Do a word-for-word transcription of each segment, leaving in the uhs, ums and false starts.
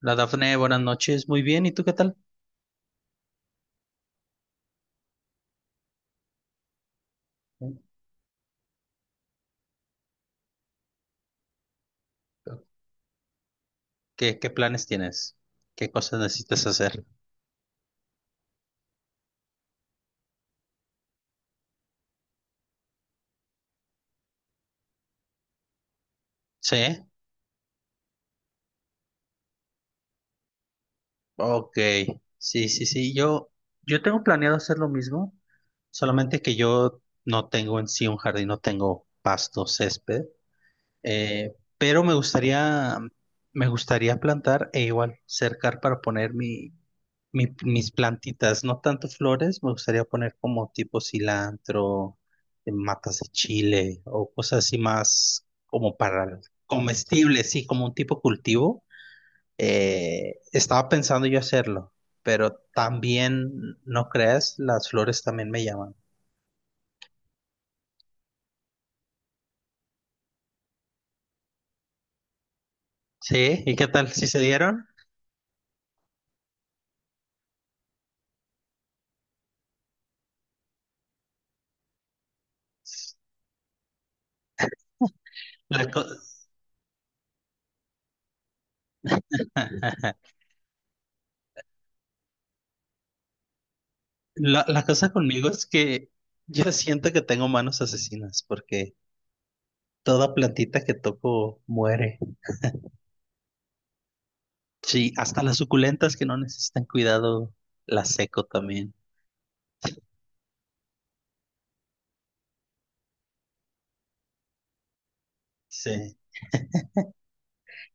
La Dafne, buenas noches. Muy bien, ¿y tú qué tal? ¿Qué, qué planes tienes? ¿Qué cosas necesitas hacer? ¿Sí? Ok. Sí, sí, sí. Yo, yo tengo planeado hacer lo mismo, solamente que yo no tengo en sí un jardín, no tengo pasto, césped, eh, pero me gustaría, me gustaría plantar e igual cercar para poner mi, Mi- mis plantitas, no tanto flores. Me gustaría poner como tipo cilantro, eh, matas de chile o cosas así más como para comestibles, sí, como un tipo cultivo. Eh, estaba pensando yo hacerlo, pero también, no creas, las flores también me llaman. Sí, ¿y qué tal? ¿Si se dieron? La, co- la, la cosa conmigo es que yo siento que tengo manos asesinas porque toda plantita que toco muere. Sí, hasta las suculentas que no necesitan cuidado, las seco también. Sí.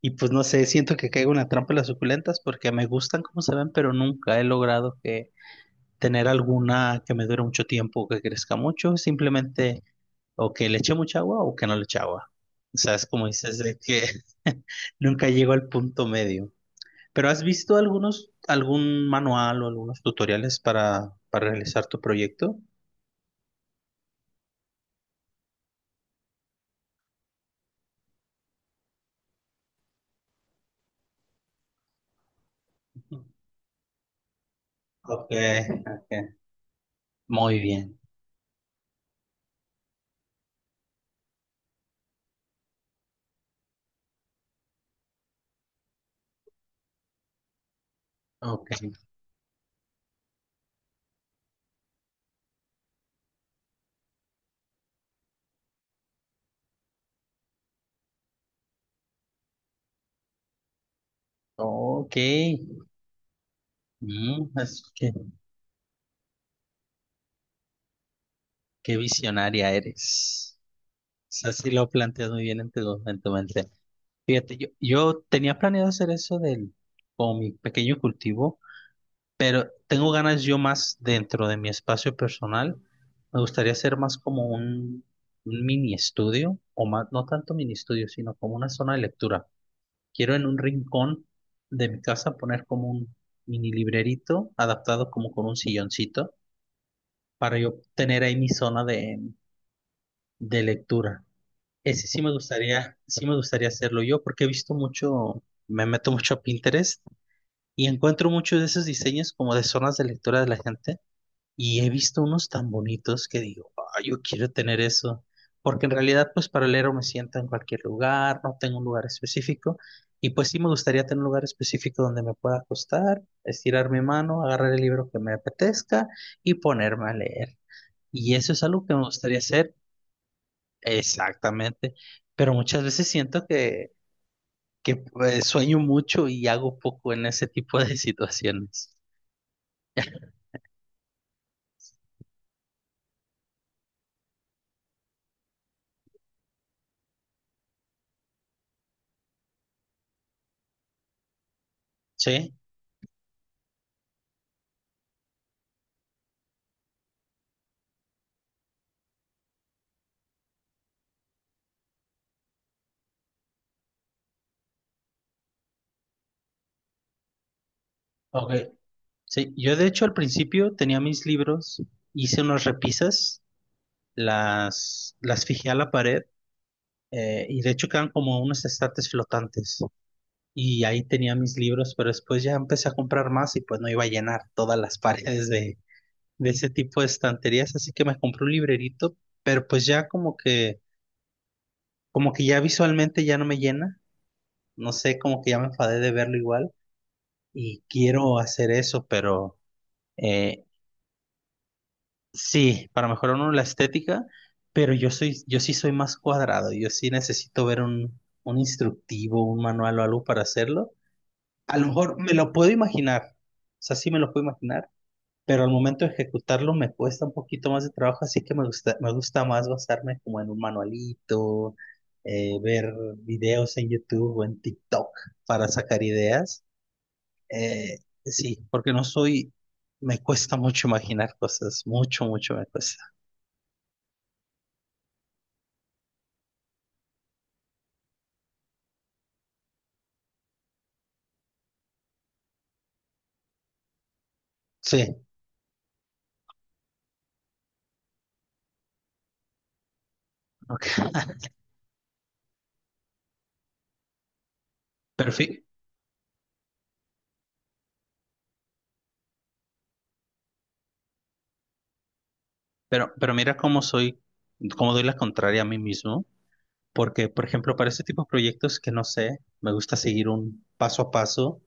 Y pues no sé, siento que caigo en la trampa de las suculentas porque me gustan como se ven, pero nunca he logrado que tener alguna que me dure mucho tiempo o que crezca mucho, simplemente o que le eche mucha agua o que no le eche agua. O sea, es como dices de que nunca llego al punto medio. Pero ¿has visto algunos, algún manual o algunos tutoriales para, para realizar tu proyecto? Ok, ok. Muy bien. Ok, ok. Mm, es que- qué visionaria eres. O sea, sí lo planteas muy bien en tu, en tu mente. Fíjate, yo, yo tenía planeado hacer eso del, con mi pequeño cultivo, pero tengo ganas yo más dentro de mi espacio personal. Me gustaría hacer más como un, un mini estudio, o más, no tanto mini estudio, sino como una zona de lectura. Quiero en un rincón de mi casa poner como un mini librerito adaptado como con un silloncito para yo tener ahí mi zona de, de lectura. Ese sí me gustaría, sí me gustaría hacerlo yo, porque he visto mucho, me meto mucho a Pinterest y encuentro muchos de esos diseños como de zonas de lectura de la gente, y he visto unos tan bonitos que digo: "Ah, yo quiero tener eso", porque en realidad, pues, para leer me siento en cualquier lugar, no tengo un lugar específico, y pues sí me gustaría tener un lugar específico donde me pueda acostar, estirar mi mano, agarrar el libro que me apetezca y ponerme a leer. Y eso es algo que me gustaría hacer. Exactamente. Pero muchas veces siento que, que pues, sueño mucho y hago poco en ese tipo de situaciones. Sí, ok. Sí, yo de hecho al principio tenía mis libros, hice unas repisas, las, las fijé a la pared, eh, y de hecho quedan como unos estantes flotantes. Y ahí tenía mis libros, pero después ya empecé a comprar más y pues no iba a llenar todas las paredes de de ese tipo de estanterías, así que me compré un librerito, pero pues ya como que, como que ya visualmente ya no me llena, no sé, como que ya me enfadé de verlo igual y quiero hacer eso, pero eh, sí, para mejorar uno la estética, pero yo soy, yo sí soy más cuadrado, yo sí necesito ver un, un instructivo, un manual o algo para hacerlo. A lo mejor me lo puedo imaginar, o sea, sí me lo puedo imaginar, pero al momento de ejecutarlo me cuesta un poquito más de trabajo, así que me gusta, me gusta más basarme como en un manualito, eh, ver videos en YouTube o en TikTok para sacar ideas. Eh, sí, porque no soy, me cuesta mucho imaginar cosas, mucho, mucho me cuesta. Sí, ok. Pero, fi- pero, pero mira cómo soy, cómo doy la contraria a mí mismo, porque, por ejemplo, para este tipo de proyectos que no sé, me gusta seguir un paso a paso,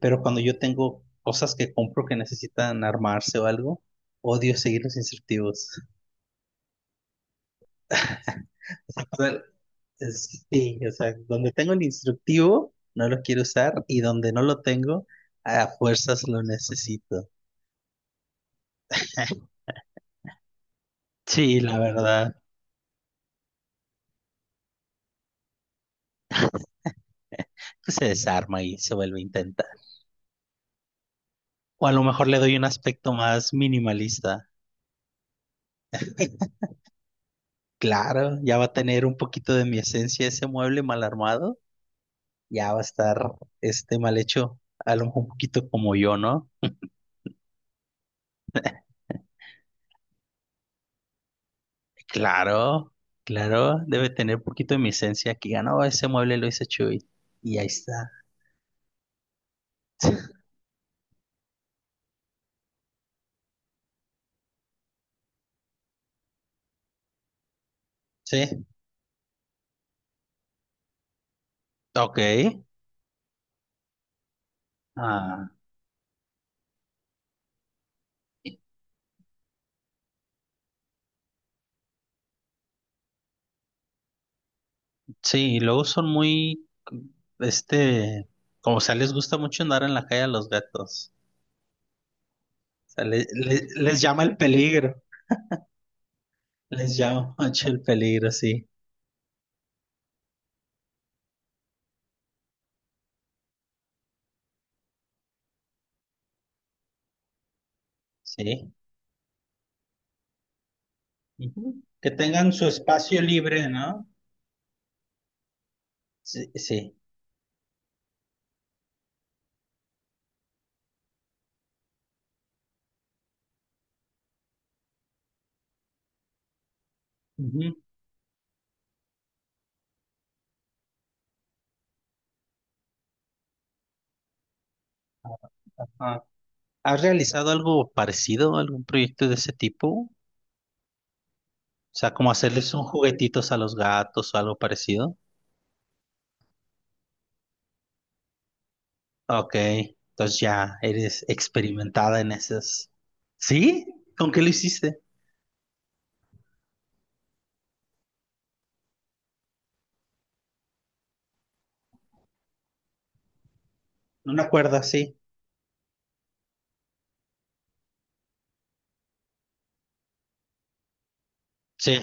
pero cuando yo tengo cosas que compro que necesitan armarse o algo, odio seguir los instructivos. O sea, es- sí, o sea, donde tengo el instructivo no lo quiero usar, y donde no lo tengo, a fuerzas lo necesito. Sí, la verdad, pues se desarma y se vuelve a intentar. O a lo mejor le doy un aspecto más minimalista. Claro, ya va a tener un poquito de mi esencia ese mueble mal armado, ya va a estar este mal hecho, a lo mejor un poquito como yo, ¿no? Claro, claro, debe tener poquito de mi esencia. Que ganó ese mueble, lo hice Chuy. Y ahí está. Sí, ok. Ah, sí, y luego son muy, este, como sea, les gusta mucho andar en la calle a los gatos. O sea, le- le- les llama el peligro, les llama mucho el peligro, sí, sí. Ujú. Que tengan su espacio libre, ¿no? Sí, sí. Ujú. Ajá. ¿Has realizado algo parecido, algún proyecto de ese tipo? O sea, como hacerles un juguetitos a los gatos o algo parecido. Ok, entonces ya eres experimentada en esas. ¿Sí? ¿Con qué lo hiciste? ¿Una cuerda? Sí. Sí,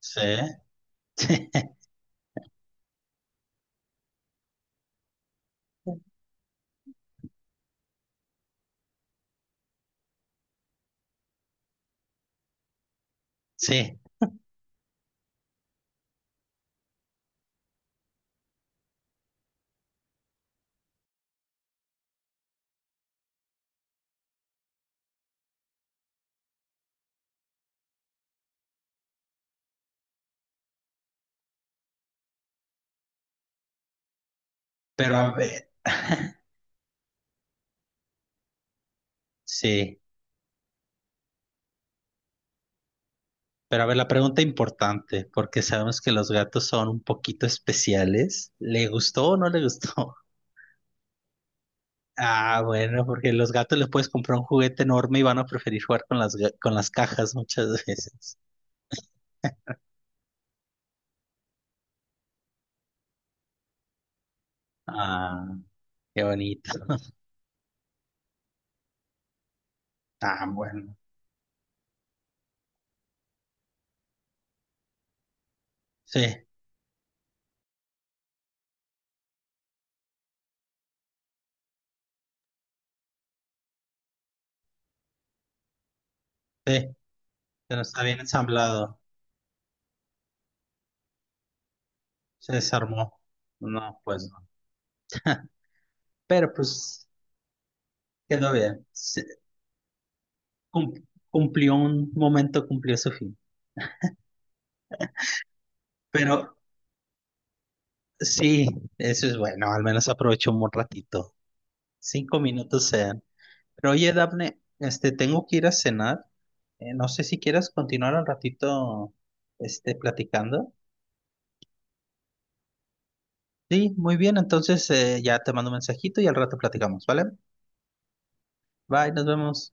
sí, sí, sí. Pero a ver, sí. Pero a ver, la pregunta importante, porque sabemos que los gatos son un poquito especiales. ¿Le gustó o no le gustó? Ah, bueno, porque los gatos les puedes comprar un juguete enorme y van a preferir jugar con las, ga- con las cajas muchas veces. Ah, qué bonito. Ah, bueno. Sí, sí, pero está bien ensamblado. Se desarmó. No, pues no. Pero pues quedó bien. Se- cum- cumplió un momento, cumplió su fin. Pero sí, eso es bueno. Al menos aprovechó un ratito. Cinco minutos sean. Pero oye, Daphne, este, tengo que ir a cenar. Eh, no sé si quieras continuar un ratito, este, platicando. Sí, muy bien. Entonces, eh, ya te mando un mensajito y al rato platicamos, ¿vale? Bye, nos vemos.